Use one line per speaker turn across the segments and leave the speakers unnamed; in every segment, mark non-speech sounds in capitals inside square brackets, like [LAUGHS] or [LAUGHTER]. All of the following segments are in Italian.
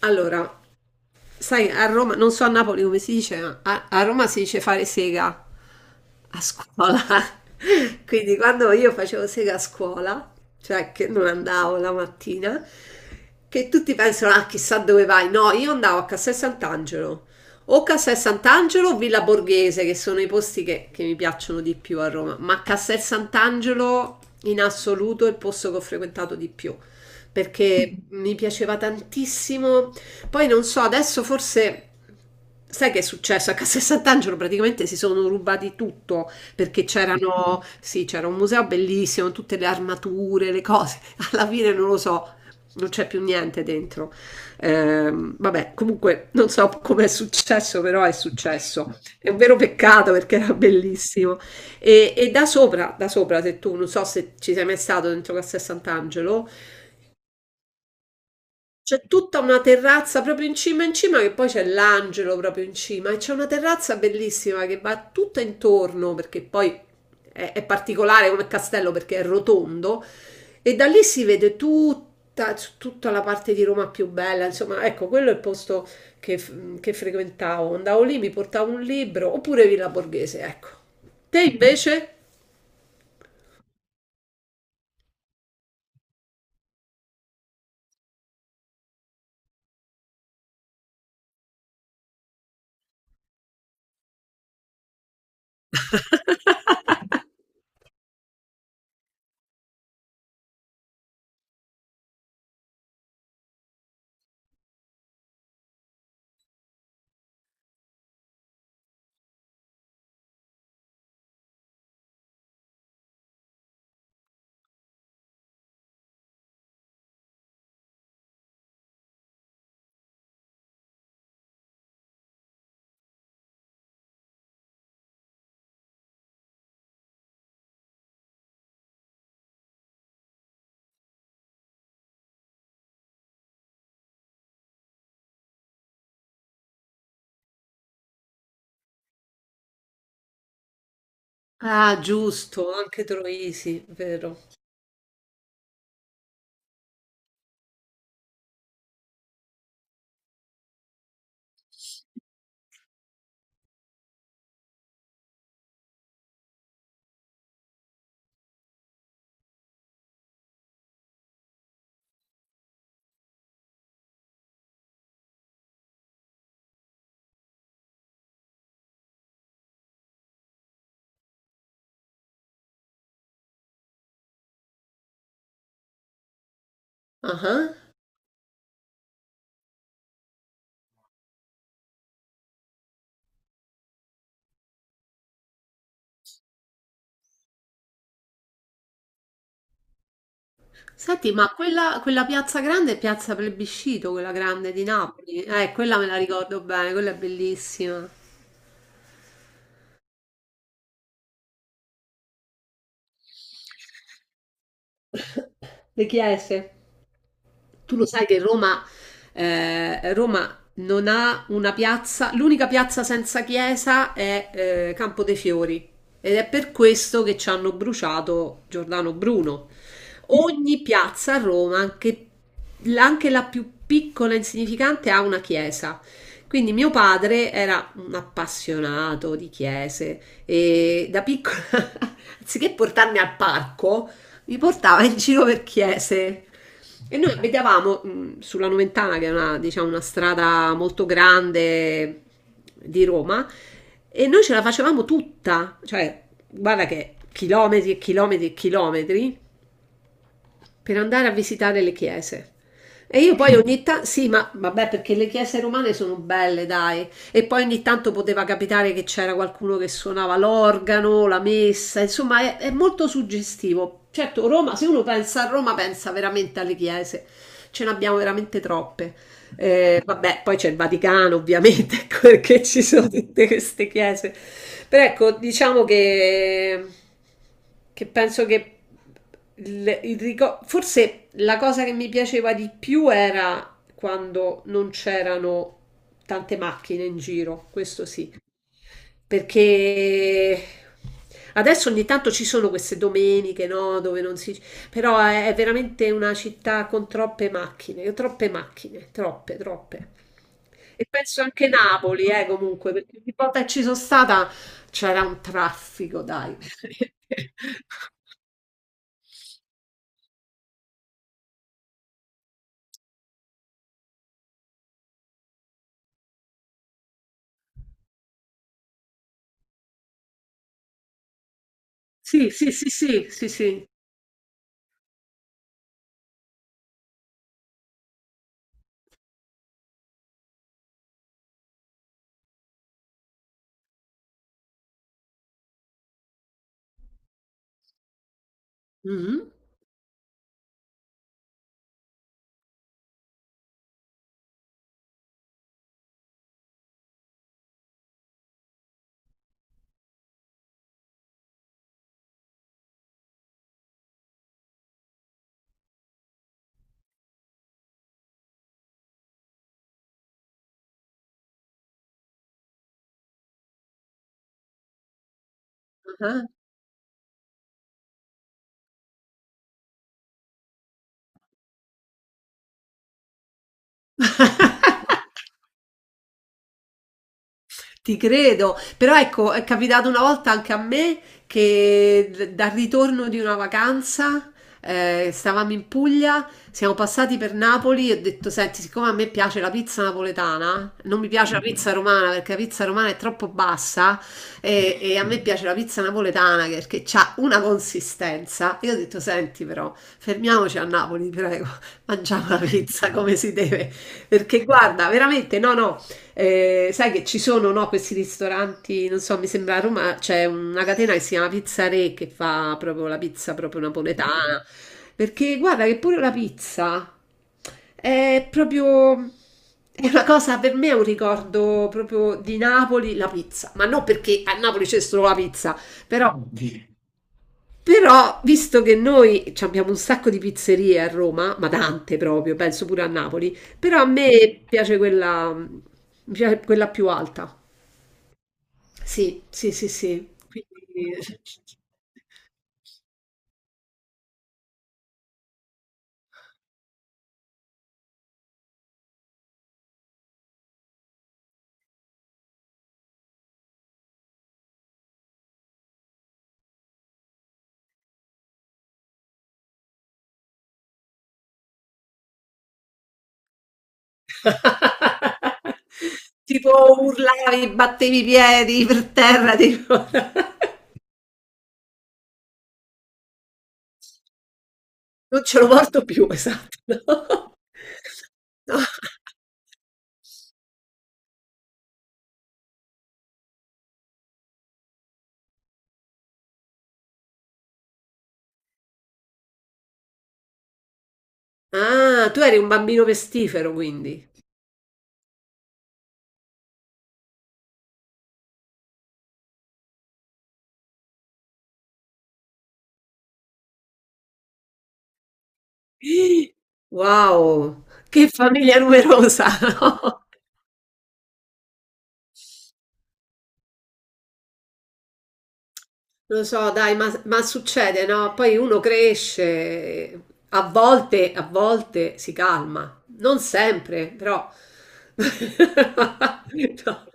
Allora, sai, a Roma, non so a Napoli come si dice, ma a Roma si dice fare sega a scuola. [LAUGHS] Quindi quando io facevo sega a scuola, cioè che non andavo la mattina, che tutti pensano, ah, chissà dove vai. No, io andavo a Castel Sant'Angelo o Villa Borghese, che sono i posti che mi piacciono di più a Roma, ma Castel Sant'Angelo in assoluto è il posto che ho frequentato di più perché mi piaceva tantissimo poi non so, adesso forse. Sai che è successo? A Castel Sant'Angelo praticamente si sono rubati tutto perché c'erano, sì, c'era un museo bellissimo, tutte le armature, le cose. [LAUGHS] Alla fine non lo so, non c'è più niente dentro. Vabbè, comunque non so come è successo, però è successo. È un vero peccato perché era bellissimo. E da sopra, se tu non so se ci sei mai stato dentro Castel Sant'Angelo, c'è tutta una terrazza proprio in cima che poi c'è l'angelo proprio in cima e c'è una terrazza bellissima che va tutta intorno perché poi è particolare come castello perché è rotondo e da lì si vede tutta, tutta la parte di Roma più bella, insomma, ecco, quello è il posto che frequentavo, andavo lì, mi portavo un libro oppure Villa Borghese, ecco. Te invece? Ah, giusto, anche Troisi, vero. Ah. Senti, ma quella piazza grande è Piazza Plebiscito, quella grande di Napoli. Quella me la ricordo bene, quella è bellissima. [COUGHS] [LAUGHS] Le chiese. Tu lo sai che Roma, Roma non ha una piazza, l'unica piazza senza chiesa è Campo dei Fiori ed è per questo che ci hanno bruciato Giordano Bruno. Ogni piazza a Roma, anche la più piccola e insignificante, ha una chiesa. Quindi mio padre era un appassionato di chiese e da piccola, [LAUGHS] anziché portarmi al parco, mi portava in giro per chiese. E noi abitavamo sulla Noventana, che è una, diciamo, una strada molto grande di Roma, e noi ce la facevamo tutta, cioè, guarda che chilometri e chilometri e chilometri per andare a visitare le chiese. E io poi ogni tanto, sì, ma vabbè, perché le chiese romane sono belle, dai. E poi ogni tanto poteva capitare che c'era qualcuno che suonava l'organo, la messa, insomma, è molto suggestivo. Certo, Roma, se uno pensa a Roma, pensa veramente alle chiese. Ce ne abbiamo veramente troppe. Vabbè, poi c'è il Vaticano, ovviamente, [LAUGHS] ecco perché ci sono tutte queste chiese. Però ecco, diciamo che penso che forse la cosa che mi piaceva di più era quando non c'erano tante macchine in giro, questo sì. Perché adesso ogni tanto ci sono queste domeniche, no, dove non si però è veramente una città con troppe macchine, troppe macchine, troppe, troppe. E penso anche Napoli, comunque, perché ogni volta che ci sono stata c'era un traffico, dai. [LAUGHS] Veramente. Sì, sì, sì, sì, sì, sì. Mhm. Ah. [LAUGHS] Ti credo, però ecco, è capitato una volta anche a me che dal ritorno di una vacanza, stavamo in Puglia, siamo passati per Napoli e ho detto, senti, siccome a me piace la pizza napoletana, non mi piace la pizza romana perché la pizza romana è troppo bassa e a me piace la pizza napoletana perché ha una consistenza. Io ho detto, senti però, fermiamoci a Napoli, prego, [LAUGHS] mangiamo la pizza come si deve, perché guarda, veramente, no, no. Sai che ci sono, no, questi ristoranti, non so, mi sembra a Roma c'è una catena che si chiama Pizza Re che fa proprio la pizza proprio napoletana. Perché guarda che pure la pizza è proprio è una cosa per me è un ricordo proprio di Napoli, la pizza, ma non perché a Napoli c'è solo la pizza, però però, visto che noi ci abbiamo un sacco di pizzerie a Roma, ma tante proprio, penso pure a Napoli, però a me piace quella, mi piace quella più alta. Sì, sì, sì, sì. Quindi... [LAUGHS] Tipo urlavi, battevi i piedi per terra, tipo... [LAUGHS] Non ce lo porto più, esatto. [LAUGHS] No. Ah, tu eri un bambino pestifero, quindi. Wow, che famiglia numerosa, [LAUGHS] no? Lo so, dai, ma succede, no? Poi uno cresce, a volte si calma, non sempre, però... [LAUGHS] No.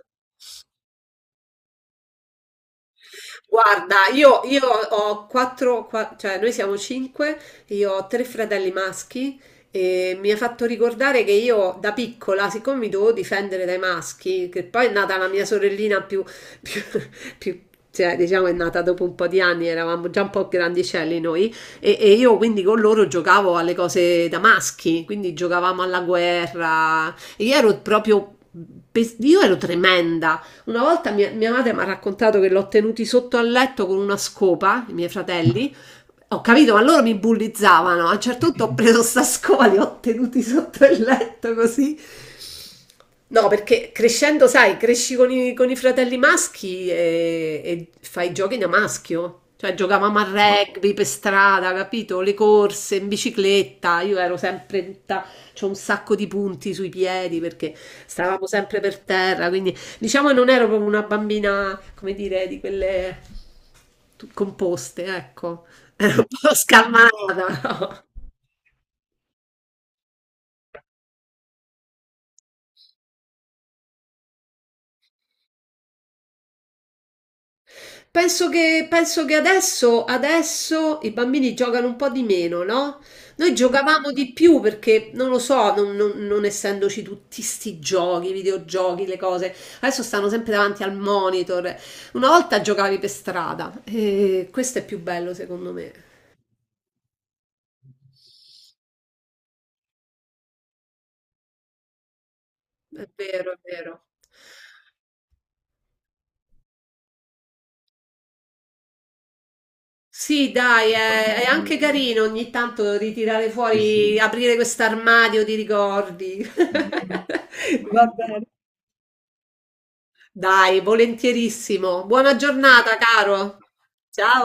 Guarda, io ho quattro, qua- cioè noi siamo cinque, io ho tre fratelli maschi e mi ha fatto ricordare che io da piccola, siccome mi dovevo difendere dai maschi, che poi è nata la mia sorellina più, [LAUGHS] più- più- cioè diciamo è nata dopo un po' di anni, eravamo già un po' grandicelli noi e io quindi con loro giocavo alle cose da maschi, quindi giocavamo alla guerra, e io ero proprio, io ero tremenda. Una volta mia madre mi ha raccontato che l'ho tenuti sotto al letto con una scopa, i miei fratelli. Ho capito, ma loro mi bullizzavano. A un certo punto ho preso sta scopa, li ho tenuti sotto il letto così. No, perché crescendo, sai, cresci con i fratelli maschi e fai giochi da maschio. Cioè, giocavamo a rugby per strada, capito? Le corse in bicicletta. Io ero sempre. In tutta- C'ho un sacco di punti sui piedi perché stavamo sempre per terra. Quindi, diciamo, che non ero proprio una bambina, come dire, di quelle composte, ecco. [LAUGHS] Ero un po' scalmanata. Penso che adesso i bambini giocano un po' di meno, no? Noi giocavamo di più perché, non lo so, non essendoci tutti sti giochi, videogiochi, le cose, adesso stanno sempre davanti al monitor. Una volta giocavi per strada e questo è più bello secondo me. È vero, è vero. Sì, dai, è anche carino ogni tanto ritirare fuori, aprire questo armadio di ricordi. [LAUGHS] Va bene. Dai, volentierissimo. Buona giornata, caro. Ciao.